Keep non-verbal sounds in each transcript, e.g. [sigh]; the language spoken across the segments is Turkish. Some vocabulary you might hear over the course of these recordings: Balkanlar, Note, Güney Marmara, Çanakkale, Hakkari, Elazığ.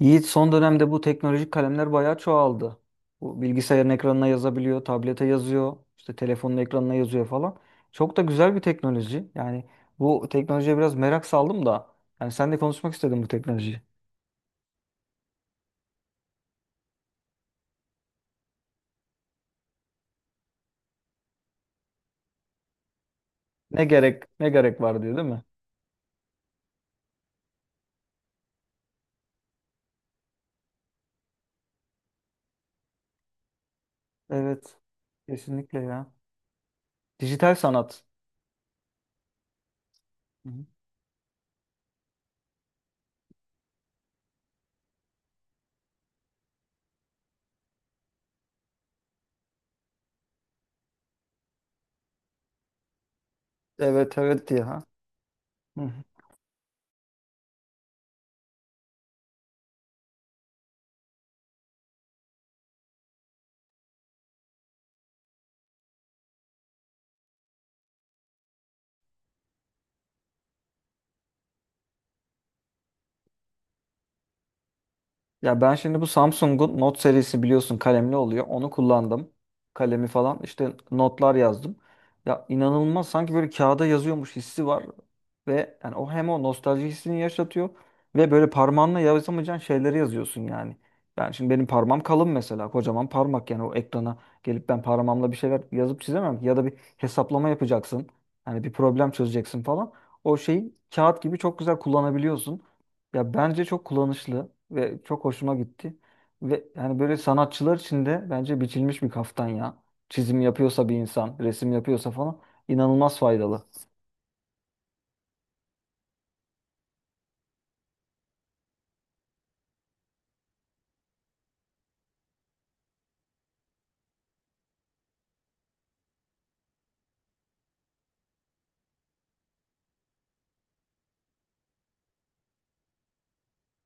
Yiğit son dönemde bu teknolojik kalemler bayağı çoğaldı. Bu bilgisayarın ekranına yazabiliyor, tablete yazıyor, işte telefonun ekranına yazıyor falan. Çok da güzel bir teknoloji. Yani bu teknolojiye biraz merak saldım da. Yani sen de konuşmak istedim bu teknolojiyi. Ne gerek, ne gerek var diyor değil mi? Evet, kesinlikle ya. Dijital sanat. Hı hı. Evet, evet ya. Hı hı. Ya ben şimdi bu Samsung'un Note serisi biliyorsun kalemli oluyor. Onu kullandım. Kalemi falan işte notlar yazdım. Ya inanılmaz sanki böyle kağıda yazıyormuş hissi var. Ve yani o hem o nostalji hissini yaşatıyor ve böyle parmağınla yazamayacağın şeyleri yazıyorsun yani. Ben şimdi benim parmağım kalın mesela kocaman parmak yani o ekrana gelip ben parmağımla bir şeyler yazıp çizemem ki. Ya da bir hesaplama yapacaksın. Hani bir problem çözeceksin falan. O şeyi kağıt gibi çok güzel kullanabiliyorsun. Ya bence çok kullanışlı ve çok hoşuma gitti. Ve yani böyle sanatçılar için de bence biçilmiş bir kaftan ya. Çizim yapıyorsa bir insan, resim yapıyorsa falan inanılmaz faydalı.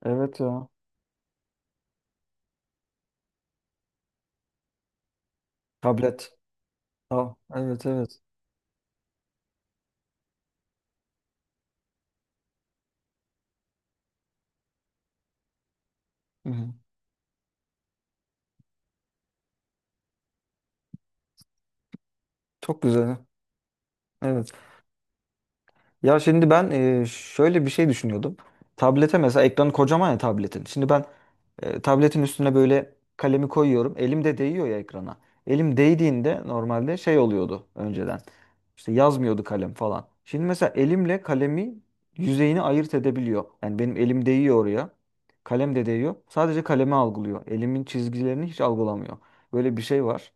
Evet ya. Tablet. Aa, evet evet. Hı hı. Çok güzel. Evet. Ya şimdi ben şöyle bir şey düşünüyordum. Tablete mesela ekranı kocaman ya tabletin. Şimdi ben tabletin üstüne böyle kalemi koyuyorum. Elim de değiyor ya ekrana. Elim değdiğinde normalde şey oluyordu önceden. İşte yazmıyordu kalem falan. Şimdi mesela elimle kalemi yüzeyini ayırt edebiliyor. Yani benim elim değiyor oraya. Kalem de değiyor. Sadece kalemi algılıyor. Elimin çizgilerini hiç algılamıyor. Böyle bir şey var.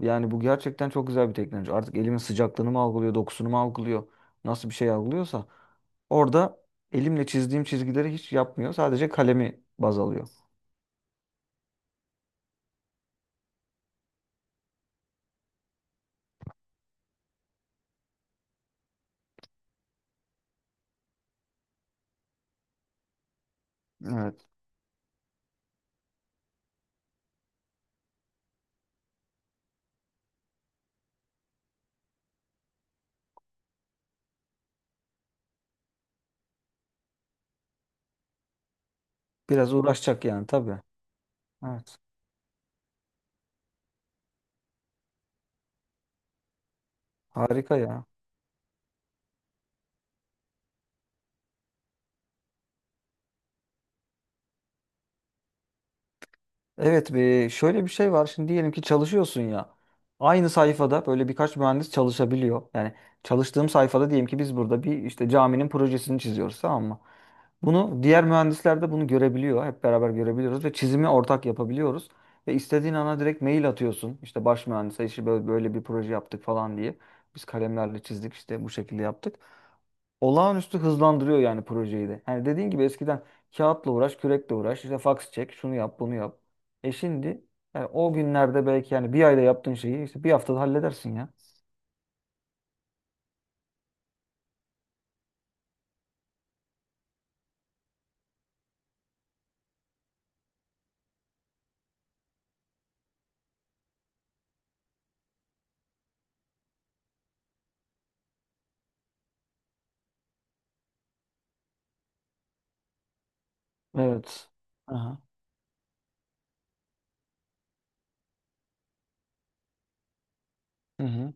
Yani bu gerçekten çok güzel bir teknoloji. Artık elimin sıcaklığını mı algılıyor, dokusunu mu algılıyor? Nasıl bir şey algılıyorsa orada elimle çizdiğim çizgileri hiç yapmıyor. Sadece kalemi baz alıyor. Evet. Biraz uğraşacak yani tabii. Evet. Harika ya. Evet, bir şöyle bir şey var. Şimdi diyelim ki çalışıyorsun ya. Aynı sayfada böyle birkaç mühendis çalışabiliyor. Yani çalıştığım sayfada diyelim ki biz burada bir işte caminin projesini çiziyoruz, tamam mı? Bunu diğer mühendisler de bunu görebiliyor. Hep beraber görebiliyoruz ve çizimi ortak yapabiliyoruz. Ve istediğin ana direkt mail atıyorsun. İşte baş mühendise işte böyle, böyle bir proje yaptık falan diye. Biz kalemlerle çizdik işte bu şekilde yaptık olağanüstü hızlandırıyor yani projeyi de. Yani dediğin gibi eskiden kağıtla uğraş, kürekle uğraş, işte faks çek, şunu yap, bunu yap. E şimdi yani o günlerde belki yani bir ayda yaptığın şeyi işte bir haftada halledersin ya. Evet. Aha. Hı hı.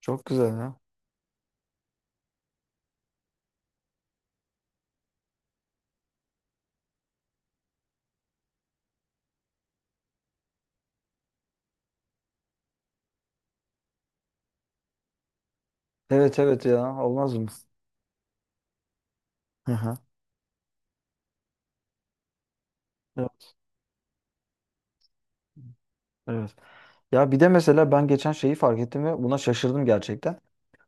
Çok güzel ya. Evet evet ya. Olmaz mı? Hı hı. Evet. Evet. Ya bir de mesela ben geçen şeyi fark ettim ve buna şaşırdım gerçekten.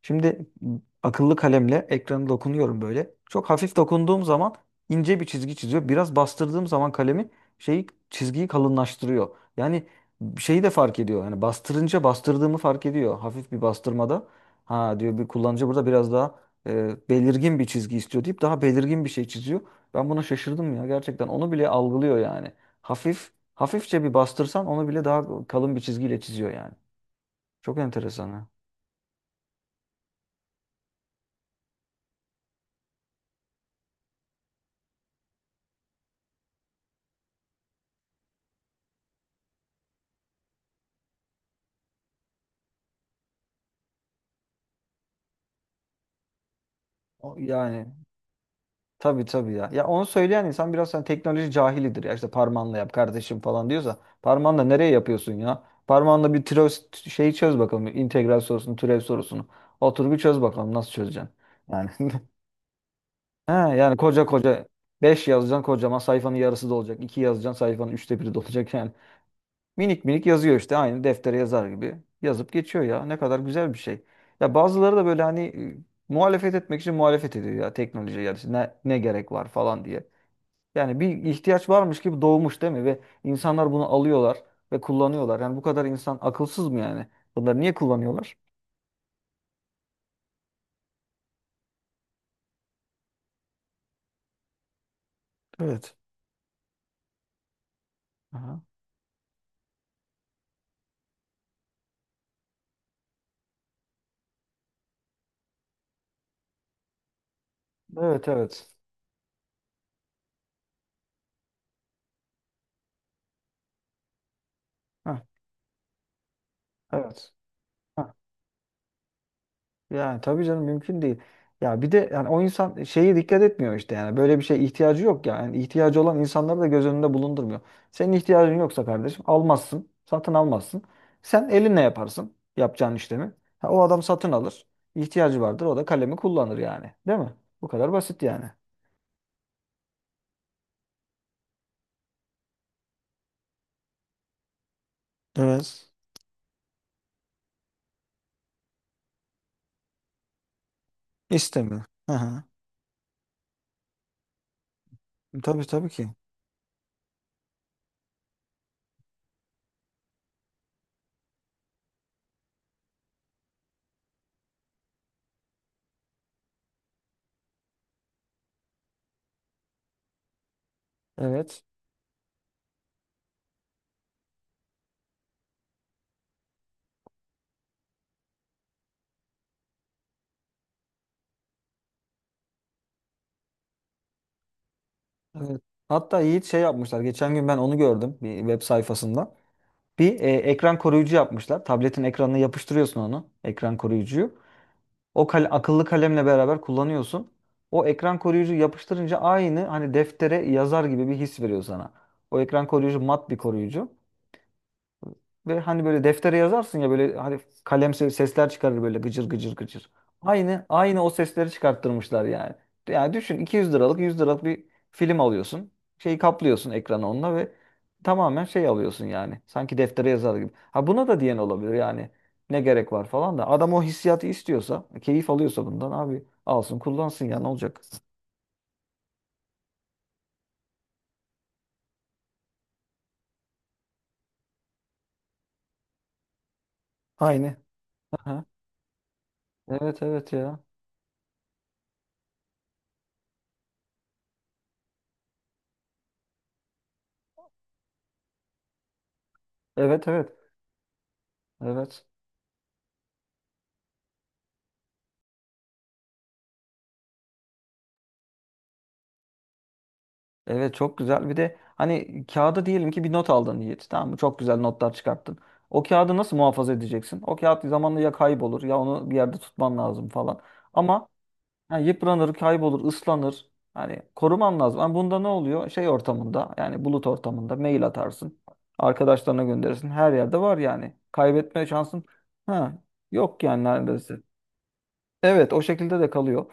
Şimdi akıllı kalemle ekranı dokunuyorum böyle. Çok hafif dokunduğum zaman ince bir çizgi çiziyor. Biraz bastırdığım zaman kalemi şeyi çizgiyi kalınlaştırıyor. Yani şeyi de fark ediyor. Yani bastırınca bastırdığımı fark ediyor. Hafif bir bastırmada. Ha diyor bir kullanıcı burada biraz daha belirgin bir çizgi istiyor deyip daha belirgin bir şey çiziyor. Ben buna şaşırdım ya gerçekten. Onu bile algılıyor yani. Hafif Hafifçe bir bastırsan onu bile daha kalın bir çizgiyle çiziyor yani. Çok enteresan ha. Yani tabii tabii ya. Ya onu söyleyen insan biraz hani teknoloji cahilidir. Ya işte parmağınla yap kardeşim falan diyorsa parmağınla nereye yapıyorsun ya? Parmağınla bir türev şeyi çöz bakalım. İntegral sorusunu, türev sorusunu. Otur bir çöz bakalım nasıl çözeceksin. Yani [laughs] he, yani koca koca 5 yazacaksın kocaman sayfanın yarısı dolacak. İki yazacaksın sayfanın üçte biri dolacak yani. Minik minik yazıyor işte aynı deftere yazar gibi. Yazıp geçiyor ya. Ne kadar güzel bir şey. Ya bazıları da böyle hani muhalefet etmek için muhalefet ediyor ya teknoloji yani işte ne, ne gerek var falan diye. Yani bir ihtiyaç varmış gibi doğmuş değil mi? Ve insanlar bunu alıyorlar ve kullanıyorlar. Yani bu kadar insan akılsız mı yani? Bunları niye kullanıyorlar? Evet. Aha. Evet evet. Heh, evet. Yani tabii canım mümkün değil. Ya bir de yani o insan şeyi dikkat etmiyor işte yani böyle bir şeye ihtiyacı yok ya. Yani ihtiyacı olan insanları da göz önünde bulundurmuyor. Senin ihtiyacın yoksa kardeşim almazsın, satın almazsın. Sen elinle yaparsın yapacağın işlemi. Ha, o adam satın alır. İhtiyacı vardır o da kalemi kullanır yani. Değil mi? Bu kadar basit yani. Evet. İstemiyor. Hı hı. Tabii tabii ki. Evet. Evet. Hatta Yiğit şey yapmışlar. Geçen gün ben onu gördüm bir web sayfasında. Bir ekran koruyucu yapmışlar. Tabletin ekranına yapıştırıyorsun onu. Ekran koruyucuyu. O akıllı kalemle beraber kullanıyorsun. O ekran koruyucu yapıştırınca aynı hani deftere yazar gibi bir his veriyor sana. O ekran koruyucu mat bir koruyucu. Ve hani böyle deftere yazarsın ya böyle hani kalem sesler çıkarır böyle gıcır gıcır gıcır. Aynı aynı o sesleri çıkarttırmışlar yani. Yani düşün 200 liralık 100 liralık bir film alıyorsun. Şeyi kaplıyorsun ekranı onunla ve tamamen şey alıyorsun yani. Sanki deftere yazar gibi. Ha buna da diyen olabilir yani. Ne gerek var falan da. Adam o hissiyatı istiyorsa, keyif alıyorsa bundan abi alsın kullansın ya ne olacak? Aynı. Aha. Evet evet ya. Evet evet. Evet. Evet çok güzel. Bir de hani kağıda diyelim ki bir not aldın Yiğit. Tamam mı? Çok güzel notlar çıkarttın. O kağıdı nasıl muhafaza edeceksin? O kağıt zamanla ya kaybolur ya onu bir yerde tutman lazım falan. Ama yani yıpranır, kaybolur, ıslanır. Hani koruman lazım. Ama bunda ne oluyor? Şey ortamında yani bulut ortamında mail atarsın. Arkadaşlarına gönderirsin. Her yerde var yani. Kaybetme şansın ha, yok yani neredeyse. Evet o şekilde de kalıyor.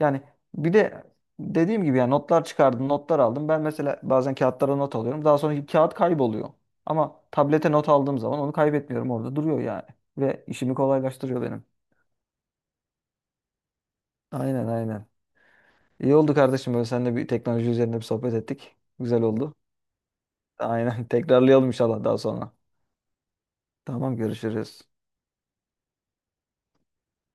Yani bir de dediğim gibi yani notlar çıkardım, notlar aldım. Ben mesela bazen kağıtlara not alıyorum. Daha sonra kağıt kayboluyor. Ama tablete not aldığım zaman onu kaybetmiyorum. Orada duruyor yani. Ve işimi kolaylaştırıyor benim. Aynen aynen. İyi oldu kardeşim böyle seninle bir teknoloji üzerine bir sohbet ettik. Güzel oldu. Aynen. [laughs] Tekrarlayalım inşallah daha sonra. Tamam görüşürüz.